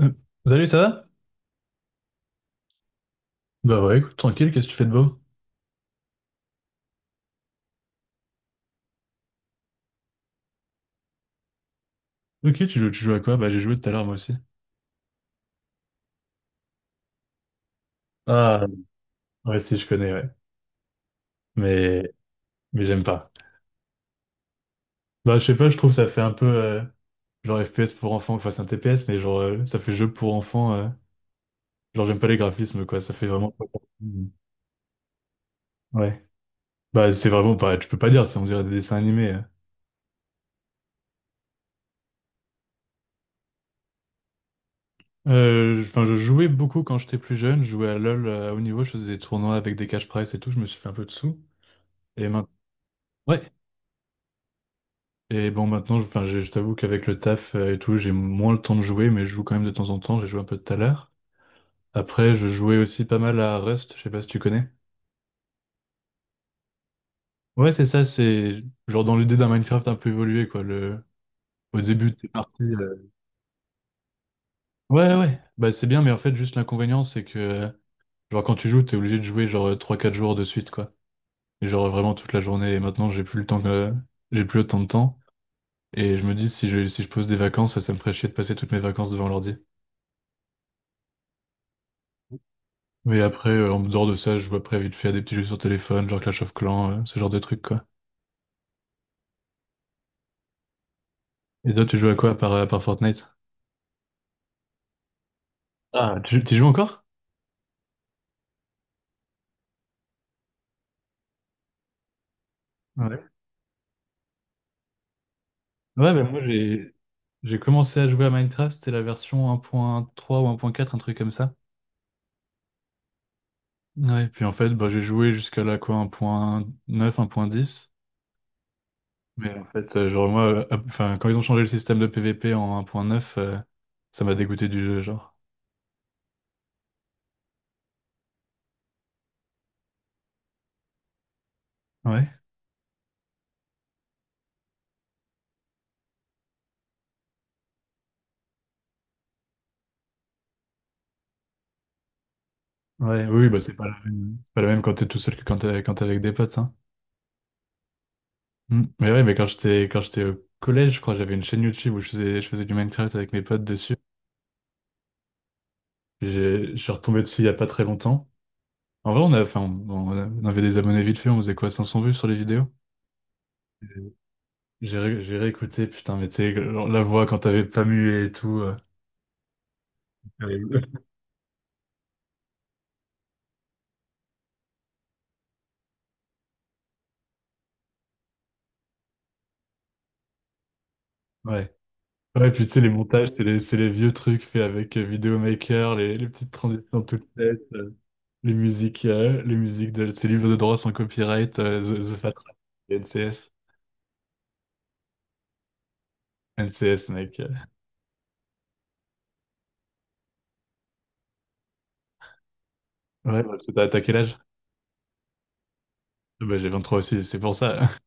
Euh, Salut, ça va? Bah ouais, écoute, tranquille, qu'est-ce que tu fais de beau? Ok, tu joues à quoi? Bah j'ai joué tout à l'heure moi aussi. Ah. Ouais, si, je connais, ouais. Mais, mais j'aime pas. Bah je sais pas, je trouve ça fait un peu genre FPS pour enfants, enfin c'est un TPS, mais genre ça fait jeu pour enfants, genre j'aime pas les graphismes quoi, ça fait vraiment. Pas pour- Mm. Ouais. Bah c'est vraiment pas, tu peux pas dire, c'est on dirait des dessins animés, hein. Enfin, je jouais beaucoup quand j'étais plus jeune, je jouais à LoL à haut niveau, je faisais des tournois avec des cash prize et tout, je me suis fait un peu de sous. Et maintenant. Ouais, et bon, maintenant, enfin, je t'avoue qu'avec le taf et tout, j'ai moins le temps de jouer, mais je joue quand même de temps en temps. J'ai joué un peu tout à l'heure. Après, je jouais aussi pas mal à Rust, je sais pas si tu connais. Ouais, c'est ça, c'est genre dans l'idée d'un Minecraft un peu évolué, quoi. Le. Au début, t'es parti, ouais, ouais, ouais, bah c'est bien, mais en fait, juste l'inconvénient, c'est que, genre, quand tu joues, t'es obligé de jouer genre 3, 4 jours de suite, quoi. Et genre vraiment toute la journée. Et maintenant, j'ai plus le temps que. J'ai plus autant de temps. Et je me dis, si je pose des vacances, ça me ferait chier de passer toutes mes vacances devant l'ordi. Mais après, en dehors de ça, je joue après vite fait des petits jeux sur téléphone, genre Clash of Clans, ce genre de trucs, quoi. Et toi, tu joues à quoi à part Fortnite? Ah, tu y joues encore? Ouais. Ouais, bah moi, j'ai commencé à jouer à Minecraft, c'était la version 1.3 ou 1.4, un truc comme ça. Ouais, puis en fait, bah, j'ai joué jusqu'à la quoi, 1.9, 1.10. Mais en fait, genre, moi, enfin, quand ils ont changé le système de PVP en 1.9, ça m'a dégoûté du jeu, genre. Ouais. Ouais, oui, bah, c'est pas la même, c'est pas la même quand t'es tout seul que quand t'es avec des potes, hein. Mm. Mais ouais, mais quand j'étais au collège, je crois, j'avais une chaîne YouTube où je faisais du Minecraft avec mes potes dessus. J'ai, je suis retombé dessus il y a pas très longtemps. En vrai, on a, enfin, on avait des abonnés vite fait, on faisait quoi, 500 vues sur les vidéos? J'ai réécouté, putain, mais tu sais, genre, la voix quand t'avais pas mué et tout, terrible. Ouais. Ouais, puis tu sais, les montages, c'est les vieux trucs faits avec Videomaker, les petites transitions toutes faites, les musiques de ces livres de droit sans copyright, The Fat Wreck, NCS. NCS, mec. Ouais, parce que t'as quel âge? Ah bah, j'ai 23 aussi, c'est pour ça.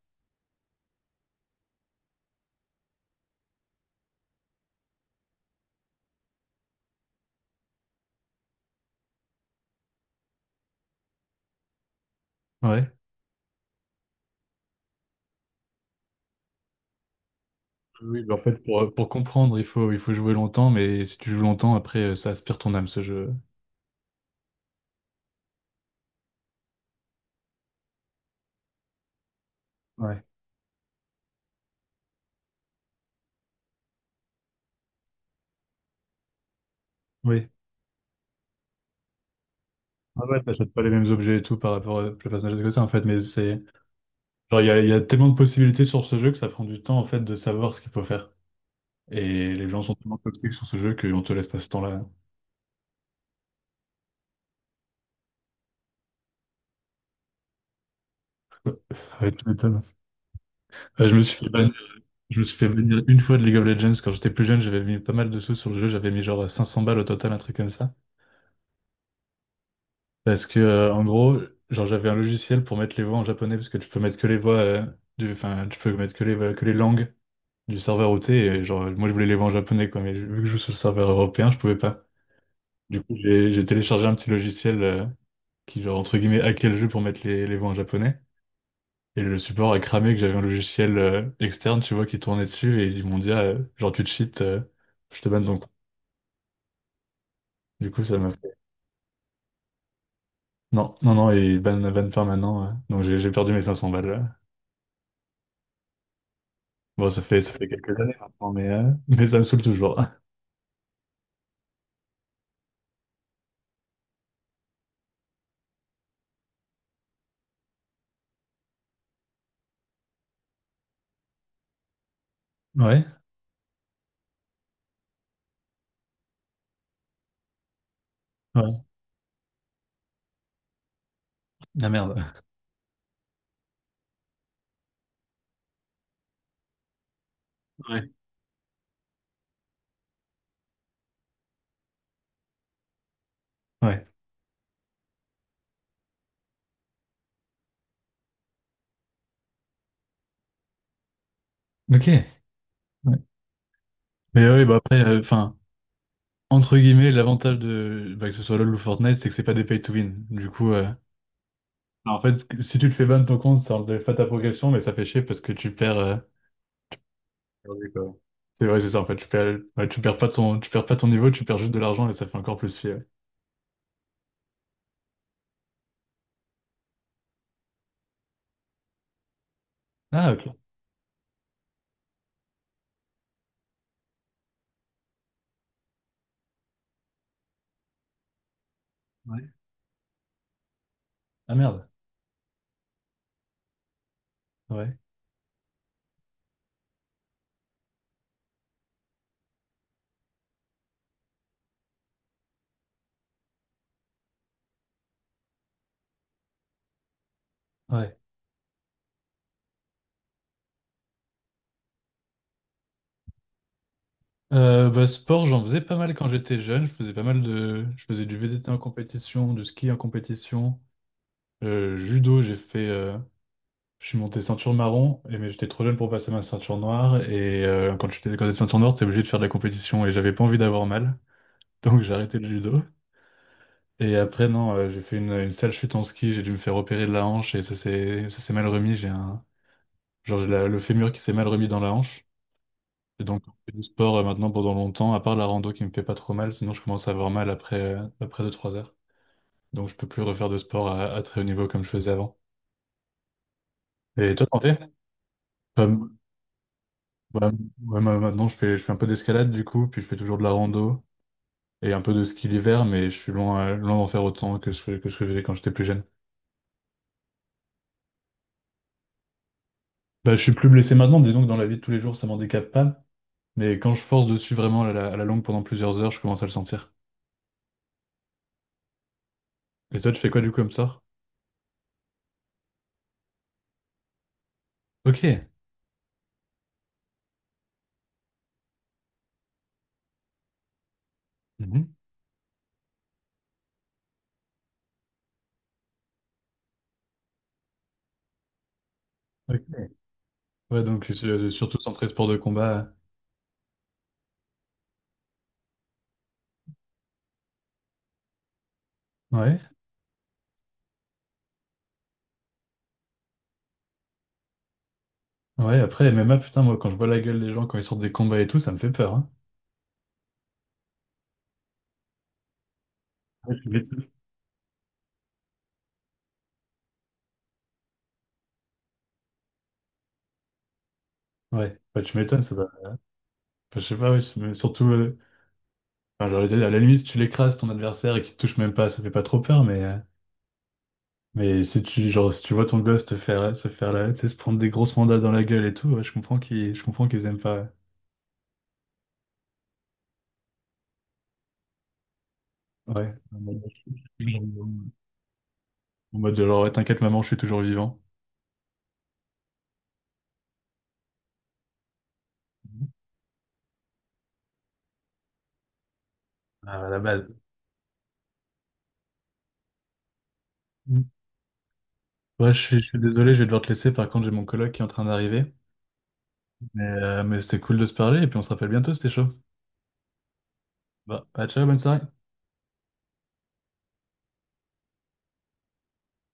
Ouais. Oui, bah, en fait, pour comprendre, il faut jouer longtemps, mais si tu joues longtemps, après, ça aspire ton âme, ce jeu. Ouais. Oui. Ah ouais, t'achètes pas les mêmes objets et tout par rapport à Persona que ça, en fait, mais c'est. Genre, il y a tellement de possibilités sur ce jeu que ça prend du temps, en fait, de savoir ce qu'il faut faire. Et les gens sont tellement toxiques sur ce jeu qu'on te laisse pas ce temps-là. Ouais, tu m'étonnes. Euh, je me suis fait bannir, je me suis fait bannir une fois de League of Legends quand j'étais plus jeune, j'avais mis pas mal de sous sur le jeu, j'avais mis genre 500 balles au total, un truc comme ça. Parce que, en gros, genre, j'avais un logiciel pour mettre les voix en japonais, parce que tu peux mettre que les voix, enfin, tu peux mettre que que les langues du serveur OT, et genre, moi, je voulais les voix en japonais, quoi, mais vu que je joue sur le serveur européen, je pouvais pas. Du coup, j'ai téléchargé un petit logiciel, qui, genre, entre guillemets, hackait le jeu pour mettre les voix en japonais, et le support a cramé que j'avais un logiciel, externe, tu vois, qui tournait dessus, et ils m'ont dit, ah, genre, tu te cheats, je te banne donc. Du coup, ça m'a fait, non, non, non, et ban permanent, donc j'ai perdu mes 500 balles, là. Bon, ça fait quelques années maintenant, mais ça me saoule toujours. Ouais, ouais, la merde. Ouais. Ouais, ok. Ouais. Mais oui, bah après, enfin, entre guillemets, l'avantage de bah, que ce soit LoL ou Fortnite, c'est que c'est pas des pay to win. Du coup, bah, en fait, si tu te fais ban ton compte, ça enlève pas ta progression, mais ça fait chier parce que tu perds, perdu, quoi. C'est vrai, c'est ça, en fait, tu perds, ouais, tu perds pas ton niveau, tu perds juste de l'argent et ça fait encore plus chier, ouais. Ah, ok. Ouais. Ah merde. Ouais, ouais. Bah, sport, j'en faisais pas mal quand j'étais jeune. Je faisais pas mal de, Je faisais du VTT en compétition, du ski en compétition, judo. Je suis monté ceinture marron, mais j'étais trop jeune pour passer ma ceinture noire. Et quand t'es ceinture noire, t'es obligé de faire de la compétition, et j'avais pas envie d'avoir mal, donc j'ai arrêté le judo. Et après, non, j'ai fait une sale chute en ski. J'ai dû me faire opérer de la hanche, et ça s'est mal remis. J'ai un genre le fémur qui s'est mal remis dans la hanche. Et donc, on fait du sport maintenant pendant longtemps, à part la rando qui me fait pas trop mal, sinon je commence à avoir mal après, après 2 3 heures. Donc, je peux plus refaire de sport à très haut niveau comme je faisais avant. Et toi, t'en fais? Comme- ouais, ouais, moi, maintenant, je fais un peu d'escalade du coup, puis je fais toujours de la rando et un peu de ski l'hiver, mais je suis loin, loin d'en faire autant que ce que je faisais quand j'étais plus jeune. Bah, je suis plus blessé maintenant, disons que dans la vie de tous les jours, ça m'handicape pas, mais quand je force dessus vraiment à la longue pendant plusieurs heures, je commence à le sentir. Et toi, tu fais quoi du coup comme ça? Ok. Mhm. Ok. Ouais, donc surtout centré sport de combat. Ouais, ouais, après MMA, putain, moi quand je vois la gueule des gens quand ils sortent des combats et tout, ça me fait peur, hein. Ouais, tu m'étonnes. Ouais, bah, tu m'étonnes, ça doit- enfin, je sais pas, ouais, c'est- mais surtout, enfin, j'allais dire, à la limite, si tu l'écrases ton adversaire et qu'il te touche même pas, ça fait pas trop peur, mais si tu, genre, si tu vois ton gosse te faire, se faire la, tu sais, se prendre des grosses mandats dans la gueule et tout, ouais, je comprends qu'ils aiment pas. Ouais, ouais, en mode de genre, ouais, t'inquiète, maman, je suis toujours vivant. Ah, à la base. Ouais, je suis désolé, je vais devoir te laisser. Par contre, j'ai mon coloc qui est en train d'arriver. Mais c'était cool de se parler et puis on se rappelle bientôt, c'était chaud. Bah, bah, ciao, bonne soirée.